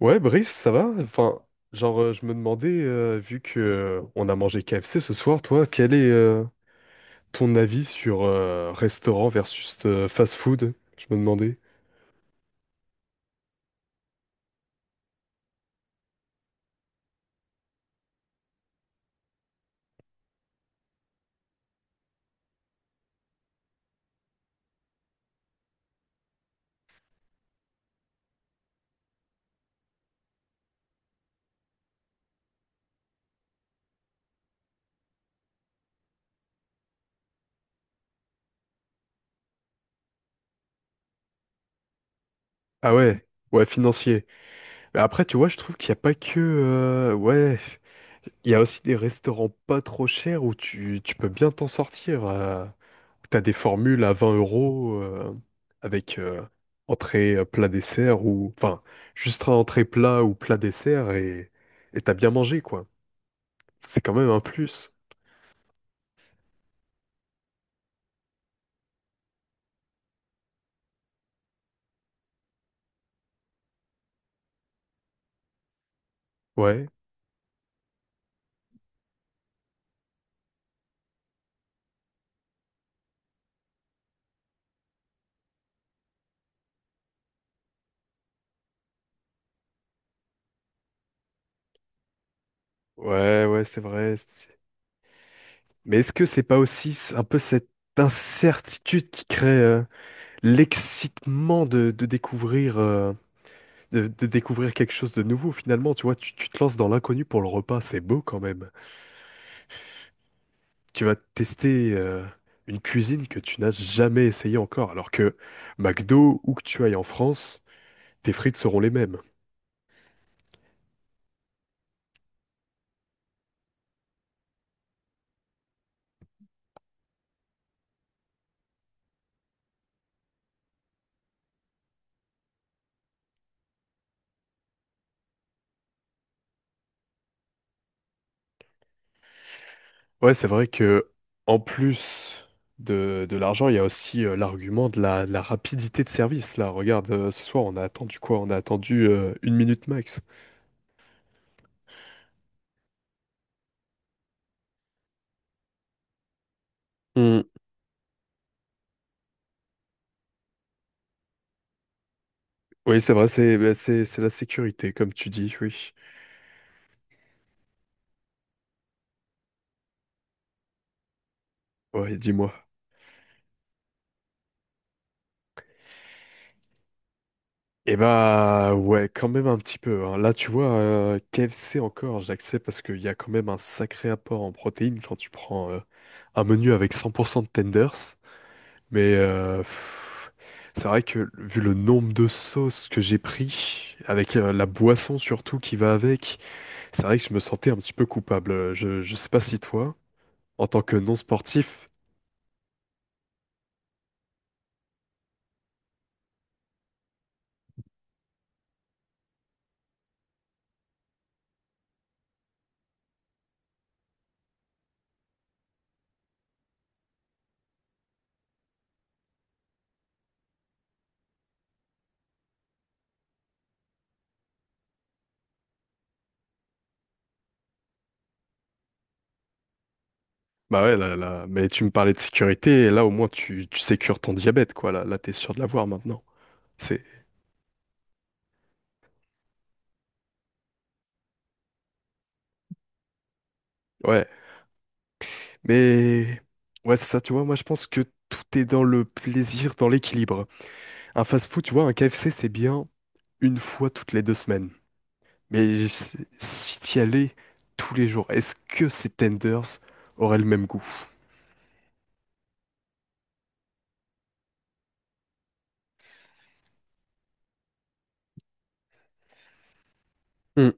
Ouais, Brice, ça va? Enfin, genre, je me demandais, vu que on a mangé KFC ce soir, toi, quel est ton avis sur restaurant versus fast-food? Je me demandais. Ah ouais, ouais, financier. Mais après, tu vois, je trouve qu'il n'y a pas que, ouais. Il y a aussi des restaurants pas trop chers où tu peux bien t'en sortir, où t'as des formules à 20 € avec entrée, plat, dessert, ou enfin juste un entrée plat ou plat dessert et t'as bien mangé quoi. C'est quand même un plus. Ouais, ouais, ouais, c'est vrai. Mais est-ce que c'est pas aussi un peu cette incertitude qui crée l'excitement de découvrir quelque chose de nouveau finalement. Tu vois, tu te lances dans l'inconnu pour le repas, c'est beau quand même. Tu vas tester une cuisine que tu n'as jamais essayée encore, alors que McDo, où que tu ailles en France, tes frites seront les mêmes. Ouais, c'est vrai que en plus de l'argent, il y a aussi l'argument de la rapidité de service. Là, regarde, ce soir, on a attendu quoi? On a attendu une minute max. Hmm. Oui, c'est vrai, c'est bah, c'est la sécurité, comme tu dis, oui. Ouais, dis-moi. Eh bah ouais, quand même un petit peu, hein. Là, tu vois, KFC encore, j'accepte parce qu'il y a quand même un sacré apport en protéines quand tu prends un menu avec 100% de tenders. Mais pff, c'est vrai que vu le nombre de sauces que j'ai pris, avec la boisson surtout qui va avec, c'est vrai que je me sentais un petit peu coupable. Je sais pas si toi, en tant que non sportif, bah ouais, là, là, mais tu me parlais de sécurité, et là au moins tu sécures ton diabète, quoi. Là, là t'es sûr de l'avoir maintenant. C'est... Ouais. Mais ouais, c'est ça, tu vois, moi je pense que tout est dans le plaisir, dans l'équilibre. Un fast-food, tu vois, un KFC, c'est bien une fois toutes les 2 semaines. Mais si t'y allais tous les jours, est-ce que ces tenders auraient le même goût? Hmm.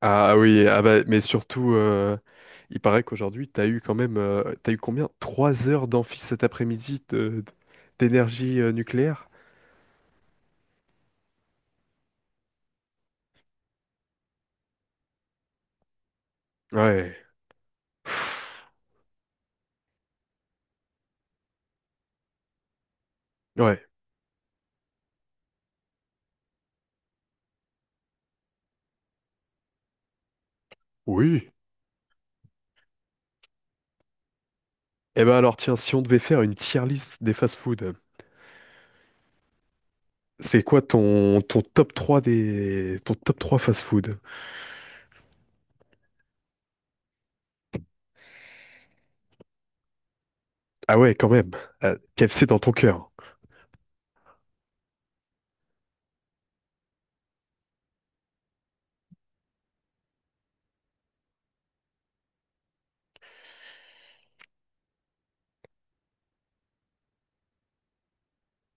Ah oui, ah bah, mais surtout, il paraît qu'aujourd'hui, t'as eu quand même, t'as eu combien? 3 heures d'amphi cet après-midi d'énergie nucléaire? Ouais. Pff, ouais. Oui. Eh ben alors tiens, si on devait faire une tier list des fast-food, c'est quoi ton top 3 fast-food? Ah ouais, quand même. KFC dans ton cœur.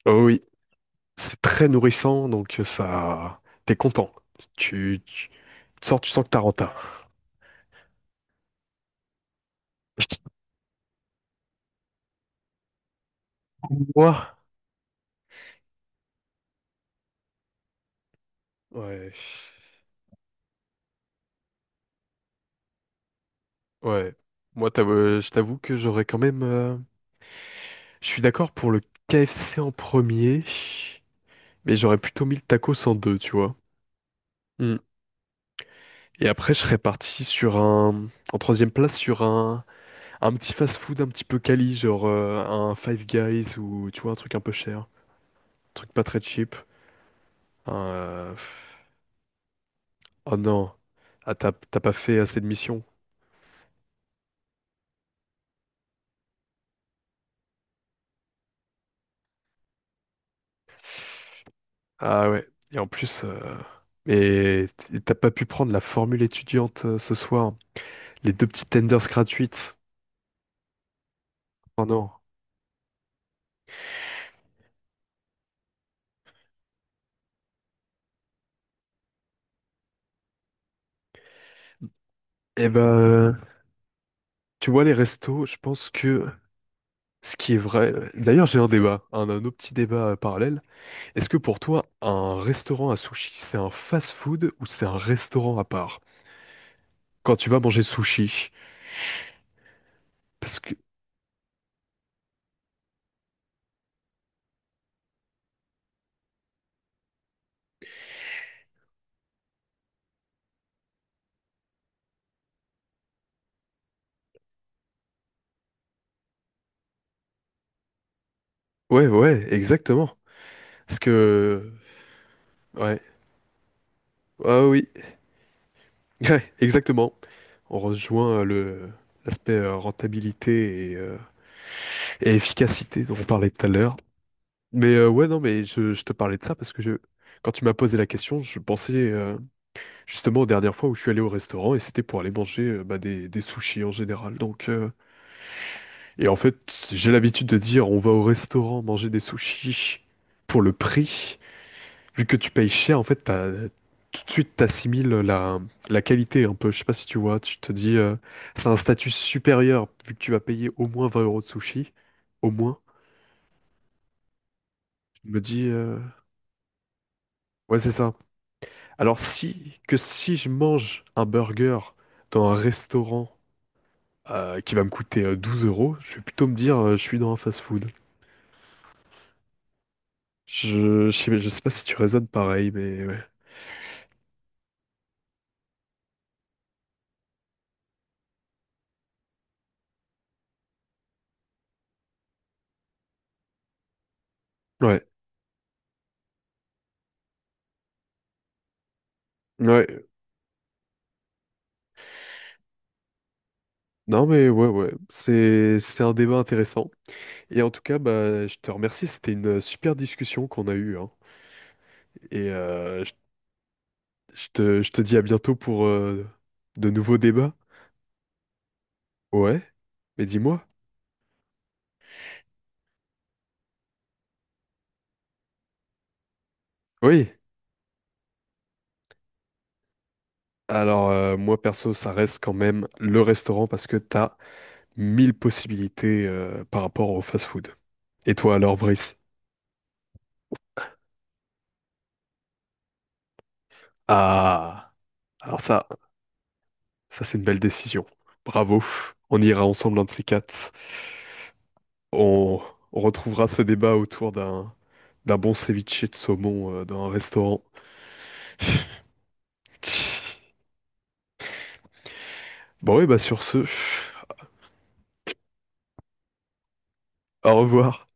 Oh oui, c'est très nourrissant, donc ça t'es content. Tu sors, tu sens que t'as renta. Moi, ouais, ouais. Moi, je t'avoue que j'aurais quand même. Je suis d'accord pour le KFC en premier, mais j'aurais plutôt mis le tacos en deux, tu vois. Hmm. Et après, je serais parti sur un, en troisième place sur un petit fast-food un petit peu quali, genre un Five Guys ou tu vois, un truc un peu cher, un truc pas très cheap. Un, euh, Oh non, ah, t'as pas fait assez de missions. Ah ouais, et en plus, mais t'as pas pu prendre la formule étudiante ce soir, les deux petites tenders gratuites. Oh non. Eh ben, tu vois, les restos, je pense que ce qui est vrai. D'ailleurs, j'ai un débat, un autre petit débat parallèle. Est-ce que pour toi, un restaurant à sushi, c'est un fast-food ou c'est un restaurant à part? Quand tu vas manger sushi, parce que ouais, ouais, exactement. Parce que ouais, ah oui, ouais, exactement. On rejoint le l'aspect rentabilité et efficacité dont on parlait tout à l'heure. Mais ouais, non, mais je te parlais de ça parce que quand tu m'as posé la question, je pensais justement aux dernières fois où je suis allé au restaurant et c'était pour aller manger bah, des sushis en général. Donc. Et en fait, j'ai l'habitude de dire on va au restaurant manger des sushis pour le prix. Vu que tu payes cher, en fait, tout de suite, t'assimiles la qualité un peu. Je sais pas si tu vois, tu te dis c'est un statut supérieur vu que tu vas payer au moins 20 € de sushi. Au moins. Je me dis ouais, c'est ça. Alors si je mange un burger dans un restaurant qui va me coûter 12 euros, je vais plutôt me dire je suis dans un fast-food. Je sais pas si tu raisonnes pareil, mais ouais. Ouais, ouais, non mais ouais ouais, c'est un débat intéressant. Et en tout cas, bah je te remercie, c'était une super discussion qu'on a eue, hein. Et je te dis à bientôt pour de nouveaux débats. Ouais, mais dis-moi. Oui. Alors moi perso, ça reste quand même le restaurant parce que t'as 1 000 possibilités par rapport au fast-food. Et toi alors, Brice? Ah, alors ça c'est une belle décision. Bravo. On ira ensemble un de ces quatre. On, on retrouvera ce débat autour d'un bon ceviche de saumon dans un restaurant. Bon, ouais, bah sur ce, au revoir.